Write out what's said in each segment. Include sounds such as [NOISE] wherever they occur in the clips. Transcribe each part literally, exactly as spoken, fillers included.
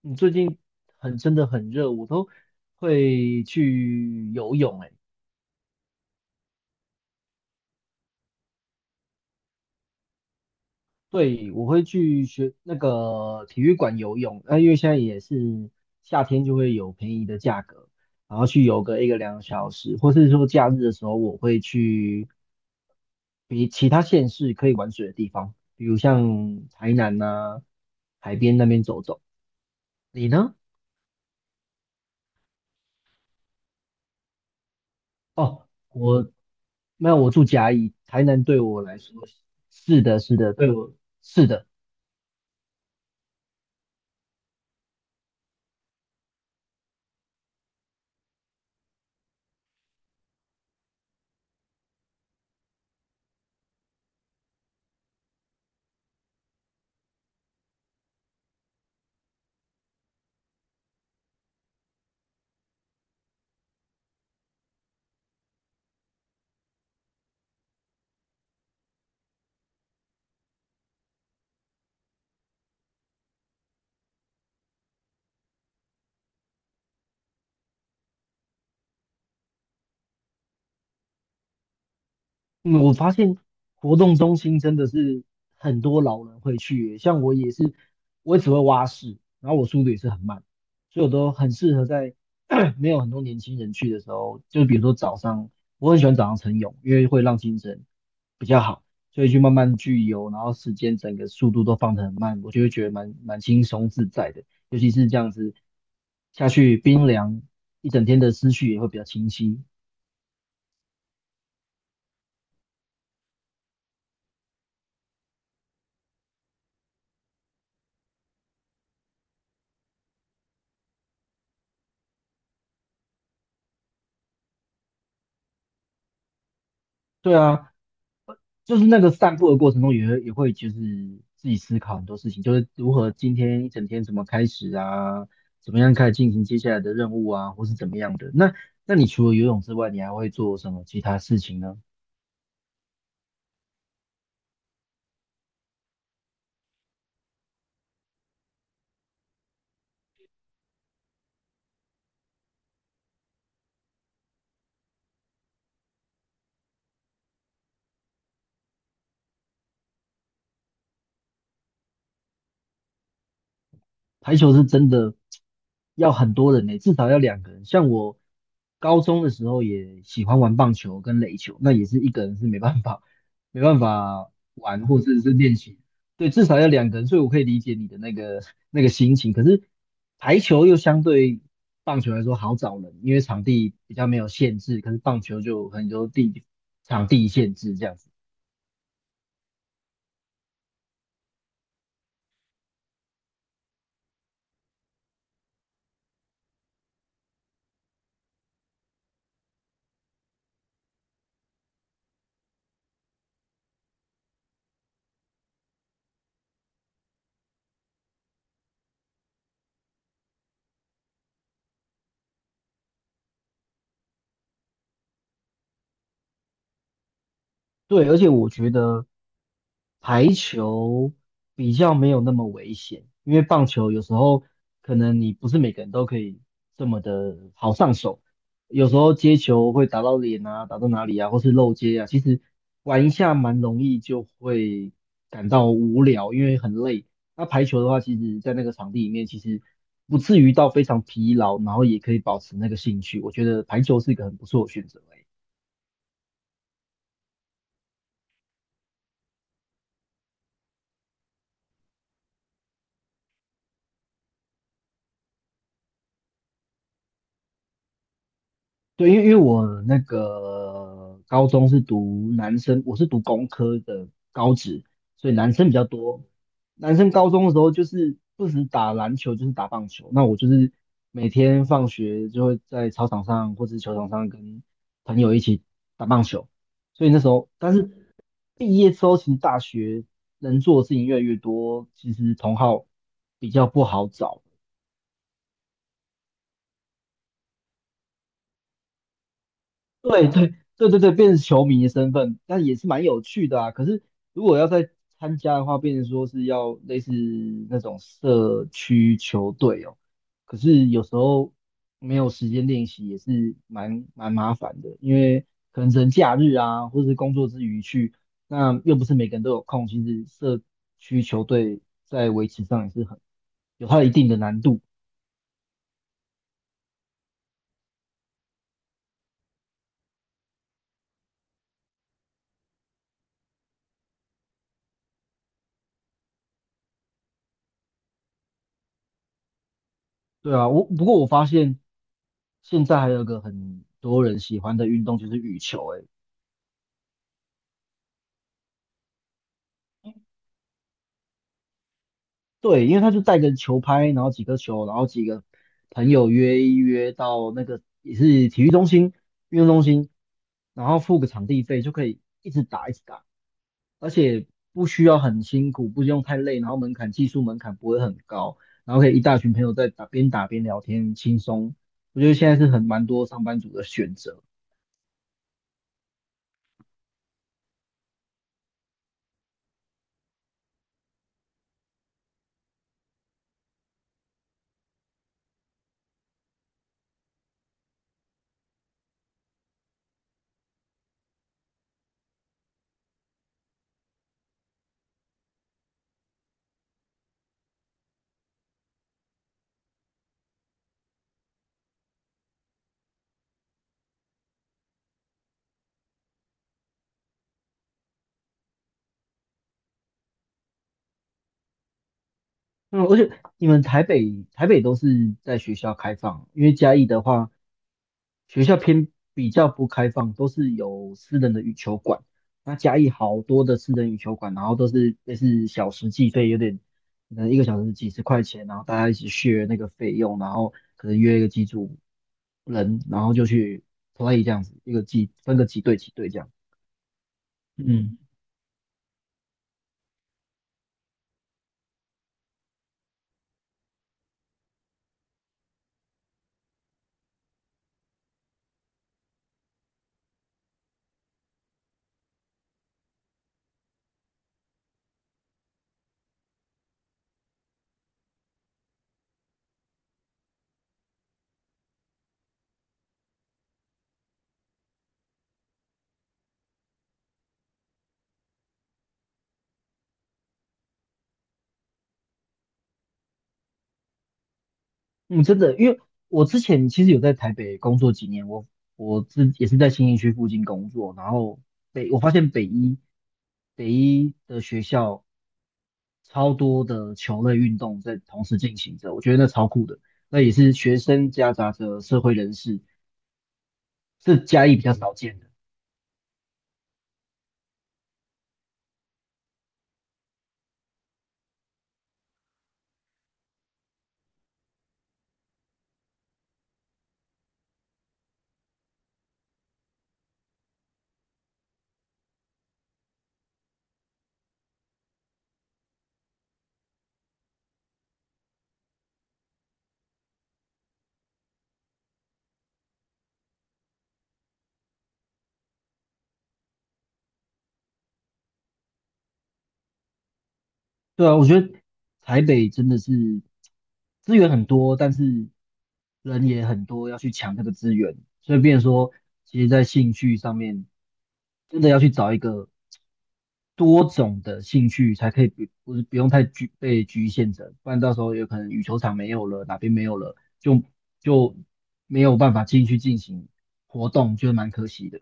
你最近很真的很热，我都会去游泳诶。哎对，我会去学那个体育馆游泳，那、因为现在也是夏天，就会有便宜的价格，然后去游个一个两个小时，或是说假日的时候，我会去比其他县市可以玩水的地方，比如像台南呐、海边那边走走。你呢？哦，我那我住甲乙，台南对我来说是的，是的，对我是的，嗯，我发现活动中心真的是很多老人会去耶像我也是，我也只会蛙式，然后我速度也是很慢，所以我都很适合在 [CLEARS THROAT] 没有很多年轻人去的时候，就比如说早上，我很喜欢早上晨泳，因为会让精神比较好，所以去慢慢去游，然后时间整个速度都放得很慢，我就会觉得蛮蛮轻松自在的，尤其是这样子下去冰凉，一整天的思绪也会比较清晰。对啊，就是那个散步的过程中也会，也会就是自己思考很多事情，就是如何今天一整天怎么开始啊，怎么样开始进行接下来的任务啊，或是怎么样的。那那你除了游泳之外，你还会做什么其他事情呢？排球是真的要很多人呢、至少要两个人。像我高中的时候也喜欢玩棒球跟垒球，那也是一个人是没办法，没办法玩或者是练习。对，至少要两个人，所以我可以理解你的那个 [LAUGHS] 那个心情。可是排球又相对棒球来说好找人，因为场地比较没有限制，可是棒球就有很多地场地限制这样子。对，而且我觉得排球比较没有那么危险，因为棒球有时候可能你不是每个人都可以这么的好上手，有时候接球会打到脸啊，打到哪里啊，或是漏接啊，其实玩一下蛮容易就会感到无聊，因为很累。那排球的话，其实在那个场地里面，其实不至于到非常疲劳，然后也可以保持那个兴趣。我觉得排球是一个很不错的选择欸。对，因为因为我那个高中是读男生，我是读工科的高职，所以男生比较多。男生高中的时候就是不止打篮球，就是打棒球。那我就是每天放学就会在操场上或是球场上跟朋友一起打棒球。所以那时候，但是毕业之后，其实大学能做的事情越来越多，其实同好比较不好找。对对对对对，变成球迷的身份，但也是蛮有趣的啊。可是如果要再参加的话，变成说是要类似那种社区球队哦。可是有时候没有时间练习，也是蛮蛮麻烦的，因为可能只能假日啊，或者是工作之余去，那又不是每个人都有空。其实社区球队在维持上也是很有它一定的难度。对啊，我不过我发现现在还有个很多人喜欢的运动就是羽球、欸，诶，对，因为他就带个球拍，然后几个球，然后几个朋友约一约到那个也是体育中心、运动中心，然后付个场地费就可以一直打一直打，而且不需要很辛苦，不用太累，然后门槛技术门槛不会很高，然后可以一大群朋友在打边打边聊天，轻松。我觉得现在是很蛮多上班族的选择。嗯，而且你们台北台北都是在学校开放，因为嘉义的话，学校偏比较不开放，都是有私人的羽球馆。那嘉义好多的私人羽球馆，然后都是类是小时计费，有点可能一个小时几十块钱，然后大家一起 s 那个费用，然后可能约一个几组人，然后就去 play 这样子，一个几分个几队几队这样。嗯嗯，真的，因为我之前其实有在台北工作几年，我我自也是在新义区附近工作，然后北我发现北一北一的学校超多的球类运动在同时进行着，我觉得那超酷的，那也是学生夹杂着社会人士，是嘉义比较少见的。对啊，我觉得台北真的是资源很多，但是人也很多，要去抢这个资源，所以变成说，其实在兴趣上面，真的要去找一个多种的兴趣，才可以不不是不用太局被局限着，不然到时候有可能羽球场没有了，哪边没有了，就就没有办法进去进行活动，就蛮可惜的。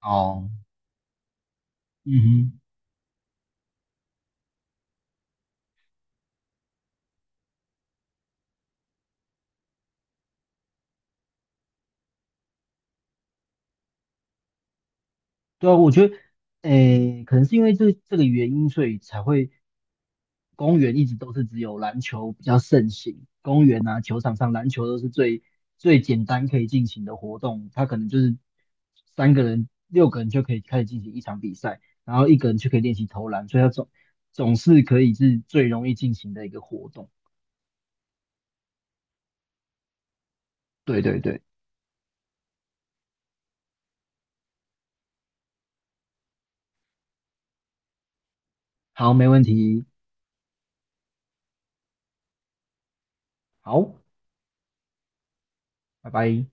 哦，嗯哼。对啊，我觉得，诶，可能是因为这这个原因，所以才会公园一直都是只有篮球比较盛行。公园啊，球场上篮球都是最最简单可以进行的活动，它可能就是三个人、六个人就可以开始进行一场比赛，然后一个人就可以练习投篮，所以它总总是可以是最容易进行的一个活动。对对对，好，没问题，好，拜拜。